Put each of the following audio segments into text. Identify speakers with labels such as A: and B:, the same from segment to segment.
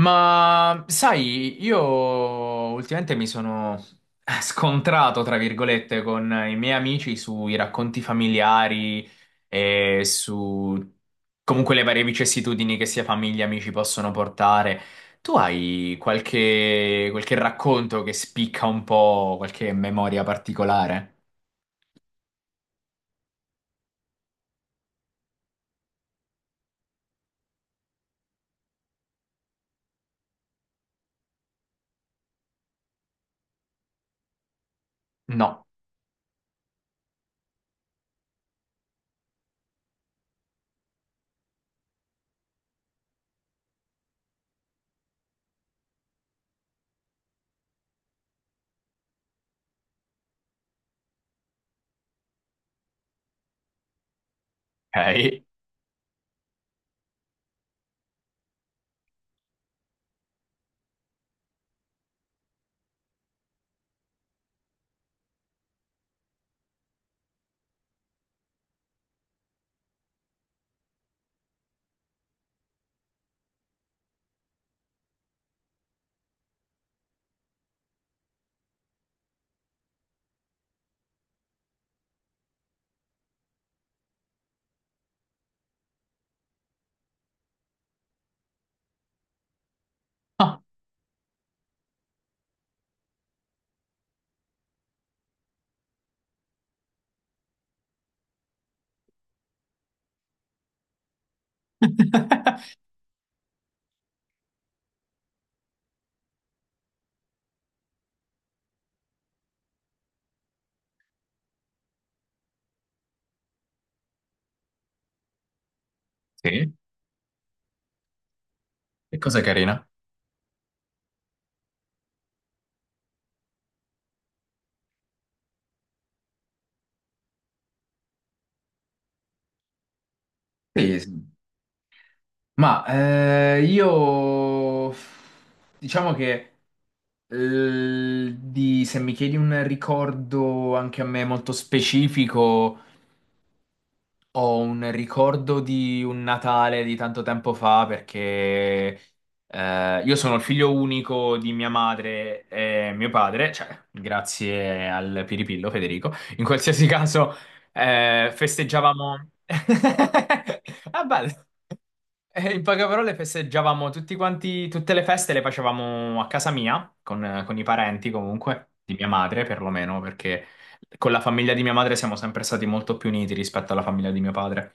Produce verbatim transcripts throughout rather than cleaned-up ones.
A: Ma sai, io ultimamente mi sono eh, scontrato, tra virgolette, con i miei amici sui racconti familiari e su comunque le varie vicissitudini che sia famiglia e amici possono portare. Tu hai qualche, qualche racconto che spicca un po', qualche memoria particolare? No. Ok. Ah, sì. Che cosa carina. Sì, sì. Ma eh, io diciamo che. Eh, di- se mi chiedi un ricordo anche a me molto specifico, ho un ricordo di un Natale di tanto tempo fa perché eh, io sono il figlio unico di mia madre e mio padre, cioè grazie al Piripillo Federico. In qualsiasi caso eh, festeggiavamo... Ah, bello. Eh, In poche parole festeggiavamo tutti quanti, tutte le feste le facevamo a casa mia, con, con i parenti comunque, di mia madre perlomeno, perché con la famiglia di mia madre siamo sempre stati molto più uniti rispetto alla famiglia di mio padre.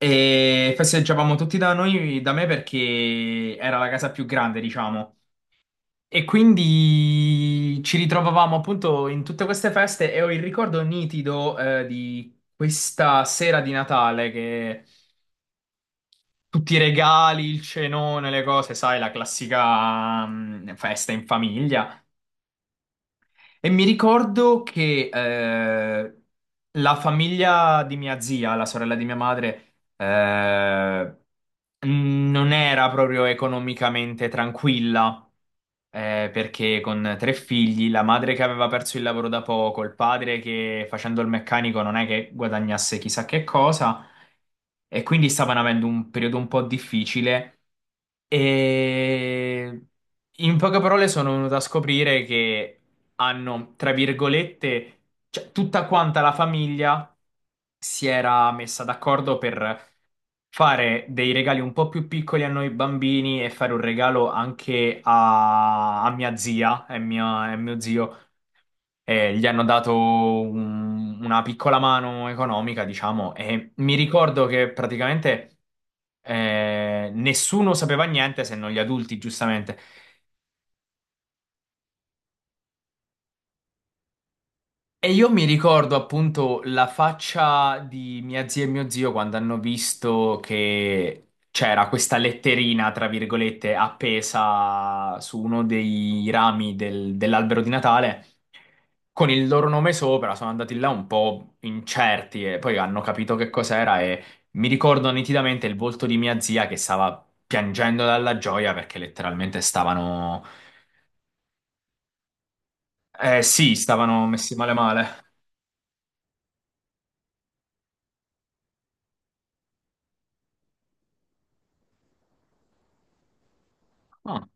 A: E festeggiavamo tutti da noi, da me, perché era la casa più grande, diciamo. E quindi ci ritrovavamo appunto in tutte queste feste e ho il ricordo nitido, eh, di questa sera di Natale che tutti i regali, il cenone, le cose, sai, la classica, mm, festa in famiglia. E mi ricordo che eh, la famiglia di mia zia, la sorella di mia madre, eh, non era proprio economicamente tranquilla. Eh, perché con tre figli, la madre che aveva perso il lavoro da poco, il padre che facendo il meccanico non è che guadagnasse chissà che cosa, e quindi stavano avendo un periodo un po' difficile. E in poche parole sono venuto a scoprire che hanno, tra virgolette, cioè, tutta quanta la famiglia si era messa d'accordo per fare dei regali un po' più piccoli a noi bambini e fare un regalo anche a, a mia zia e mia- e mio zio. E gli hanno dato un- una piccola mano economica, diciamo, e mi ricordo che praticamente eh, nessuno sapeva niente se non gli adulti, giustamente. E io mi ricordo appunto la faccia di mia zia e mio zio quando hanno visto che c'era questa letterina, tra virgolette, appesa su uno dei rami del- dell'albero di Natale con il loro nome sopra. Sono andati là un po' incerti e poi hanno capito che cos'era e mi ricordo nitidamente il volto di mia zia che stava piangendo dalla gioia perché letteralmente stavano. Eh sì, stavano messi male male. Ah.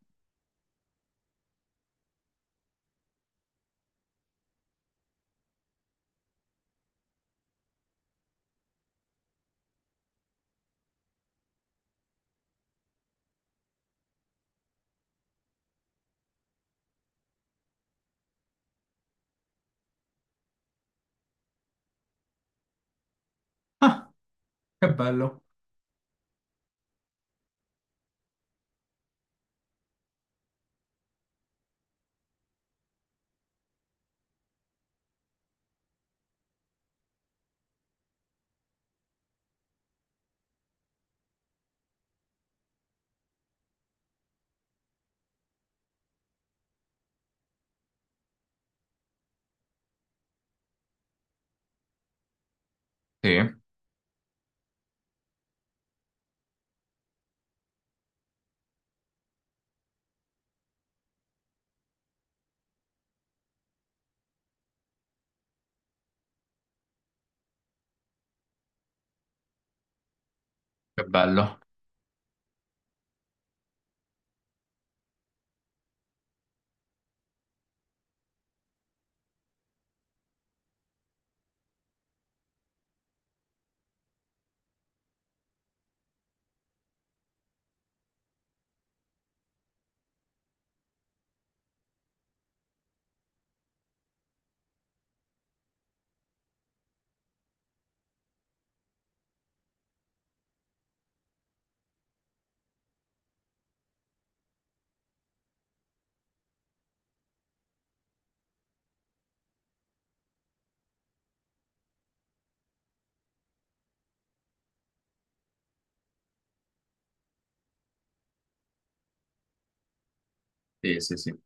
A: Ah, che bello. Sì, che bello. Sì, sì, sì.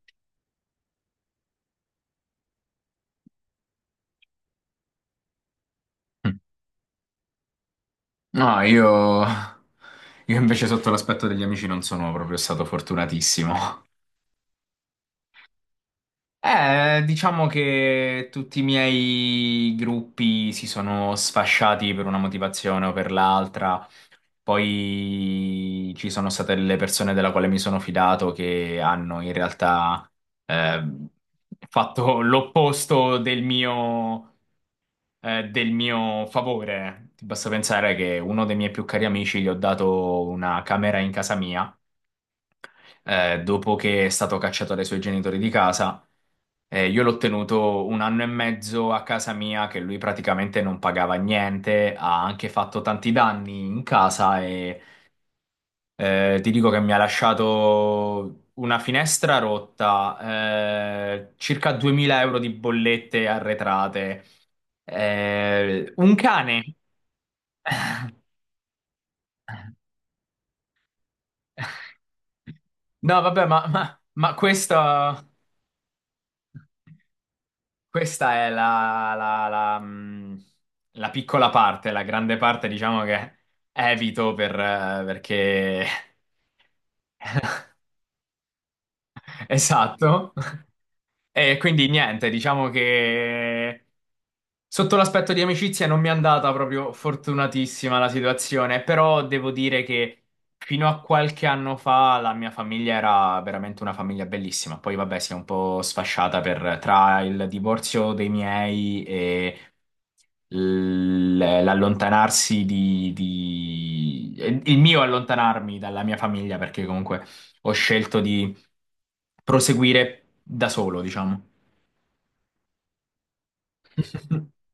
A: Mm. No, io... Io invece sotto l'aspetto degli amici non sono proprio stato fortunatissimo. Eh, diciamo che tutti i miei gruppi si sono sfasciati per una motivazione o per l'altra. Poi ci sono state le persone della quale mi sono fidato che hanno in realtà ehm, fatto l'opposto del mio, eh, del mio favore. Ti basta pensare che uno dei miei più cari amici gli ho dato una camera in casa mia eh, dopo che è stato cacciato dai suoi genitori di casa. Eh, io l'ho tenuto un anno e mezzo a casa mia, che lui praticamente non pagava niente, ha anche fatto tanti danni in casa e eh, ti dico che mi ha lasciato una finestra rotta, eh, circa duemila euro di bollette arretrate, eh, un cane. No, vabbè, ma, ma, ma questa... Questa è la, la- la, mh, la piccola parte, la grande parte, diciamo che evito per, eh, perché... Esatto. E quindi niente, diciamo che sotto l'aspetto di amicizia non mi è andata proprio fortunatissima la situazione, però devo dire che fino a qualche anno fa la mia famiglia era veramente una famiglia bellissima. Poi vabbè, si è un po' sfasciata per, tra il divorzio dei miei e l- l'allontanarsi di, di- il mio allontanarmi dalla mia famiglia perché comunque ho scelto di proseguire da solo, diciamo.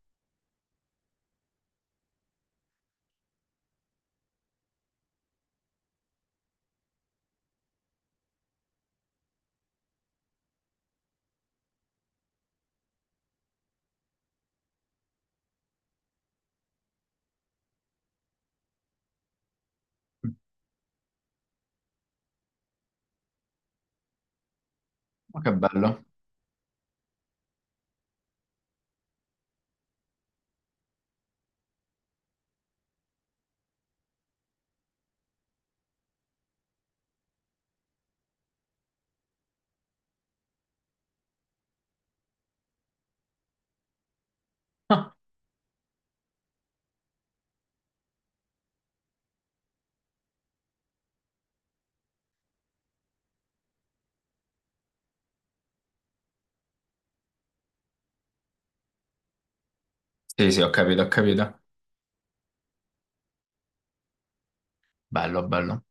A: Ma che bello. Sì, sì, ho capito, ho capito. Bello, bello.